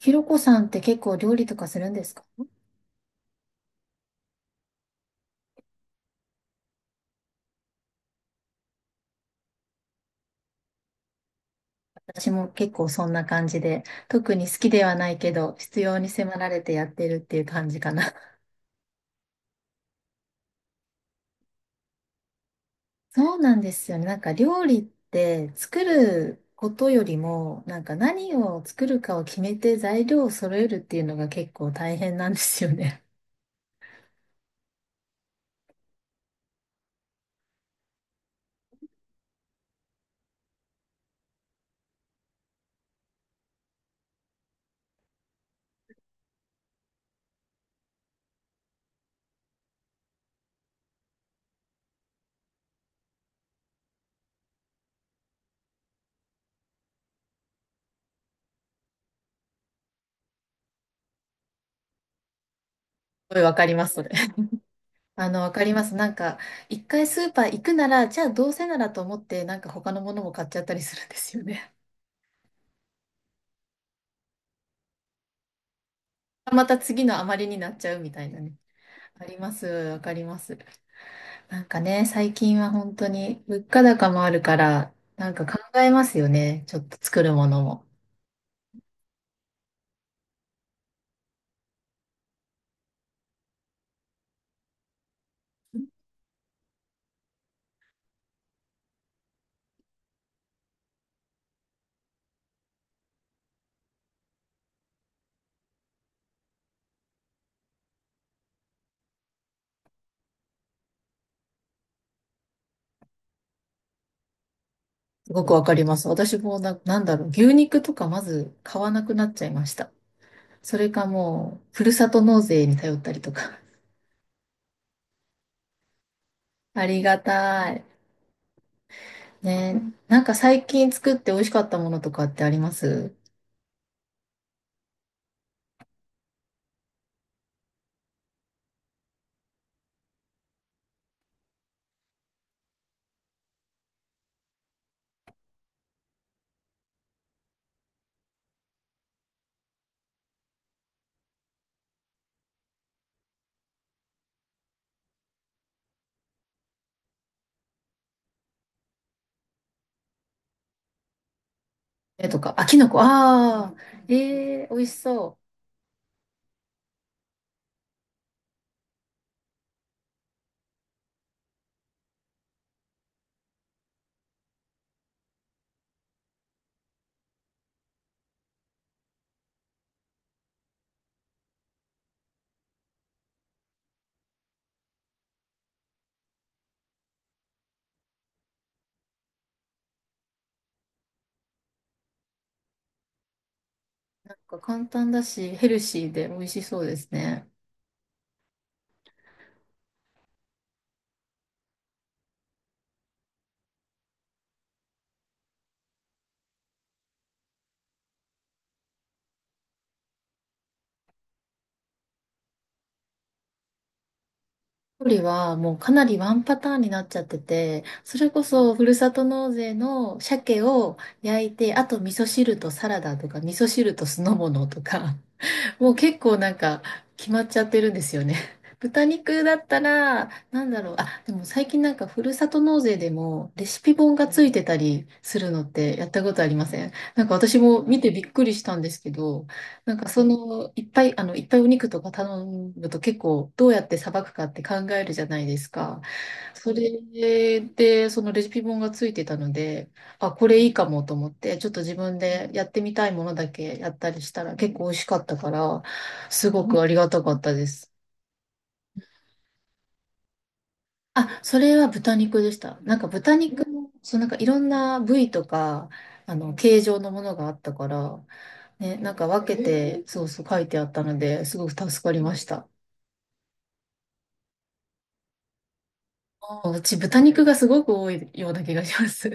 ひろこさんって結構料理とかするんですか。私も結構そんな感じで、特に好きではないけど、必要に迫られてやってるっていう感じかな。そうなんですよね。料理って作ることよりも、何を作るかを決めて材料を揃えるっていうのが結構大変なんですよね。すごいわかります、それ。わかります。一回スーパー行くなら、じゃあどうせならと思って、他のものも買っちゃったりするんですよね。また次の余りになっちゃうみたいなね。わかります、わかります。なんかね、最近は本当に物価高もあるから、なんか考えますよね。ちょっと作るものも。すごくわかります。私もなんだろう、牛肉とかまず買わなくなっちゃいました。それかもう、ふるさと納税に頼ったりとか。ありがたい。ね、なんか最近作って美味しかったものとかってあります？えとか、あ、きのこ、ああ、ええー、美味しそう。なんか簡単だし、ヘルシーで美味しそうですね。距離はもうかなりワンパターンになっちゃってて、それこそふるさと納税の鮭を焼いて、あと味噌汁とサラダとか、味噌汁と酢の物とか、もう結構なんか決まっちゃってるんですよね。豚肉だったら、なんだろう。あ、でも最近なんかふるさと納税でもレシピ本がついてたりするのってやったことありません？なんか私も見てびっくりしたんですけど、いっぱい、いっぱいお肉とか頼むと結構どうやってさばくかって考えるじゃないですか。それで、そのレシピ本がついてたので、あ、これいいかもと思って、ちょっと自分でやってみたいものだけやったりしたら結構美味しかったから、すごくありがたかったです。あ、それは豚肉でした。なんか豚肉も、そうなんかいろんな部位とか、形状のものがあったから、ね、なんか分けて、そうそう書いてあったので、すごく助かりました。あ、うち豚肉がすごく多いような気がします。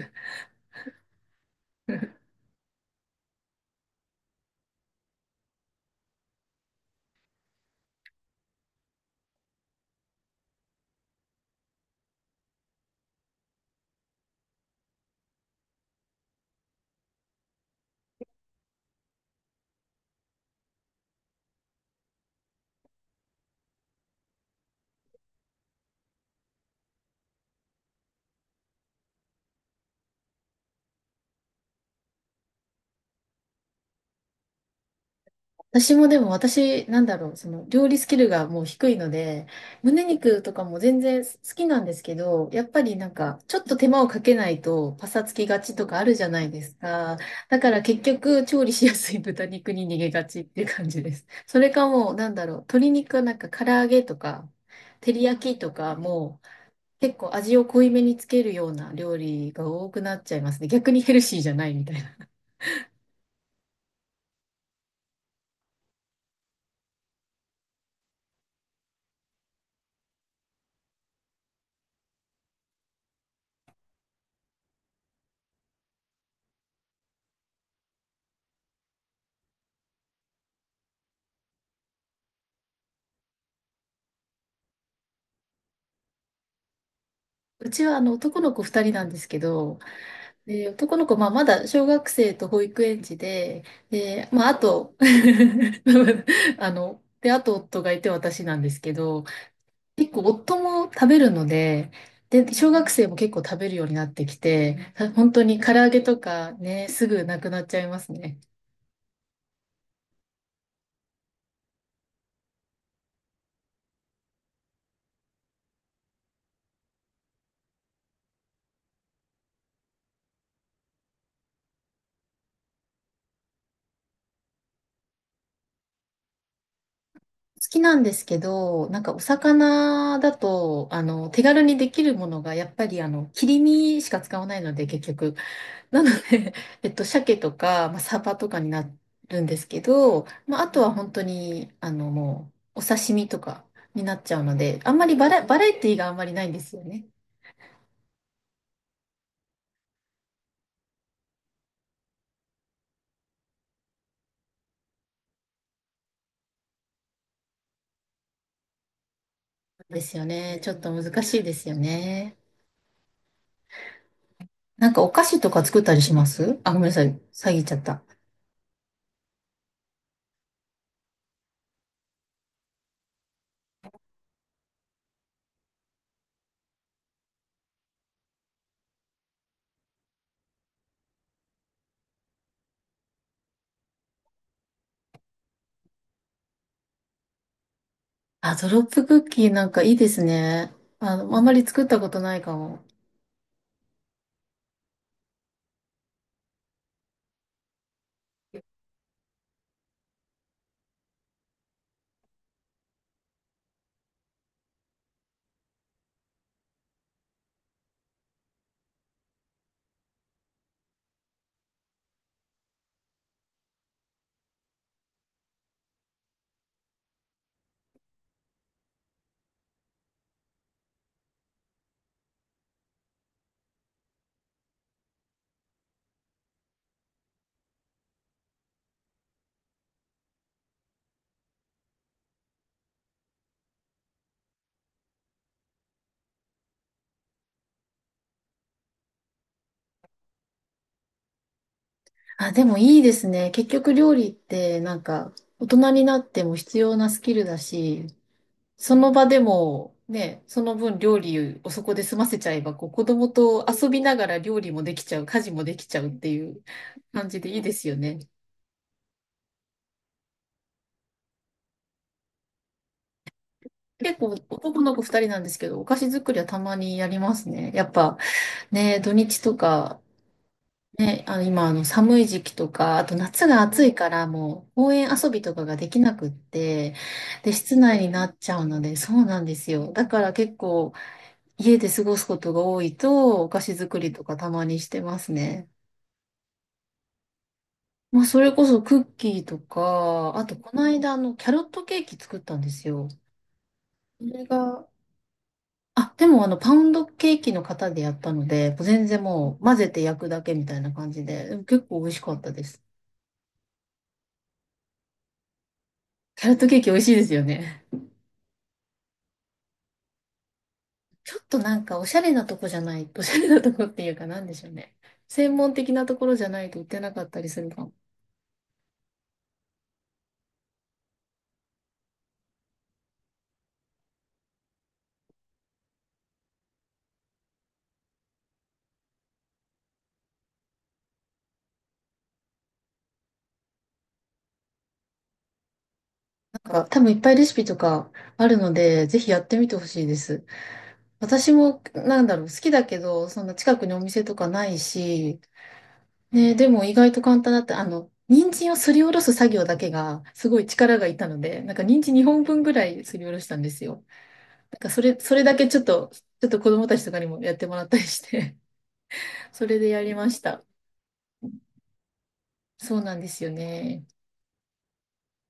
私もでも私、なんだろう、その料理スキルがもう低いので、胸肉とかも全然好きなんですけど、やっぱりなんか、ちょっと手間をかけないとパサつきがちとかあるじゃないですか。だから結局、調理しやすい豚肉に逃げがちっていう感じです。それかもう、なんだろう、鶏肉はなんか唐揚げとか、照り焼きとかも、結構味を濃いめにつけるような料理が多くなっちゃいますね。逆にヘルシーじゃないみたいな。うちはあの男の子2人なんですけど、で、男の子、まあ、まだ小学生と保育園児で、で、まあ、あと、あと夫がいて私なんですけど、結構夫も食べるので、で、小学生も結構食べるようになってきて、本当に唐揚げとかね、すぐなくなっちゃいますね。好きなんですけど、なんかお魚だと、手軽にできるものが、やっぱり切り身しか使わないので、結局。なので、鮭とか、まあ、サバとかになるんですけど、まあ、あとは本当に、もう、お刺身とかになっちゃうので、あんまりバラエティがあんまりないんですよね。ですよね。ちょっと難しいですよね。なんかお菓子とか作ったりします？あ、ごめんなさい。詐欺ちゃった。あ、ドロップクッキーなんかいいですね。あんまり作ったことないかも。あ、でもいいですね。結局料理ってなんか大人になっても必要なスキルだし、その場でも、ね、その分料理をそこで済ませちゃえば、こう子供と遊びながら料理もできちゃう、家事もできちゃうっていう感じでいいですよね。結構男の子二人なんですけど、お菓子作りはたまにやりますね。やっぱね、土日とか、ね、今、寒い時期とか、あと夏が暑いからもう公園遊びとかができなくって、で、室内になっちゃうので、そうなんですよ。だから結構家で過ごすことが多いと、お菓子作りとかたまにしてますね。まあ、それこそクッキーとか、あと、この間、キャロットケーキ作ったんですよ。それが、あ、でも、パウンドケーキの型でやったので、全然もう、混ぜて焼くだけみたいな感じで、でも結構美味しかったです。キャロットケーキ美味しいですよね。ちょっとなんか、おしゃれなとこっていうか、なんでしょうね。専門的なところじゃないと売ってなかったりするかも。なんか多分いっぱいレシピとかあるので、ぜひやってみてほしいです。私も、なんだろう、好きだけど、そんな近くにお店とかないし、ね、でも意外と簡単だった。あの、人参をすりおろす作業だけが、すごい力がいったので、なんか人参2本分ぐらいすりおろしたんですよ。なんかそれ、それだけちょっと、ちょっと子供たちとかにもやってもらったりして、それでやりました。そうなんですよね。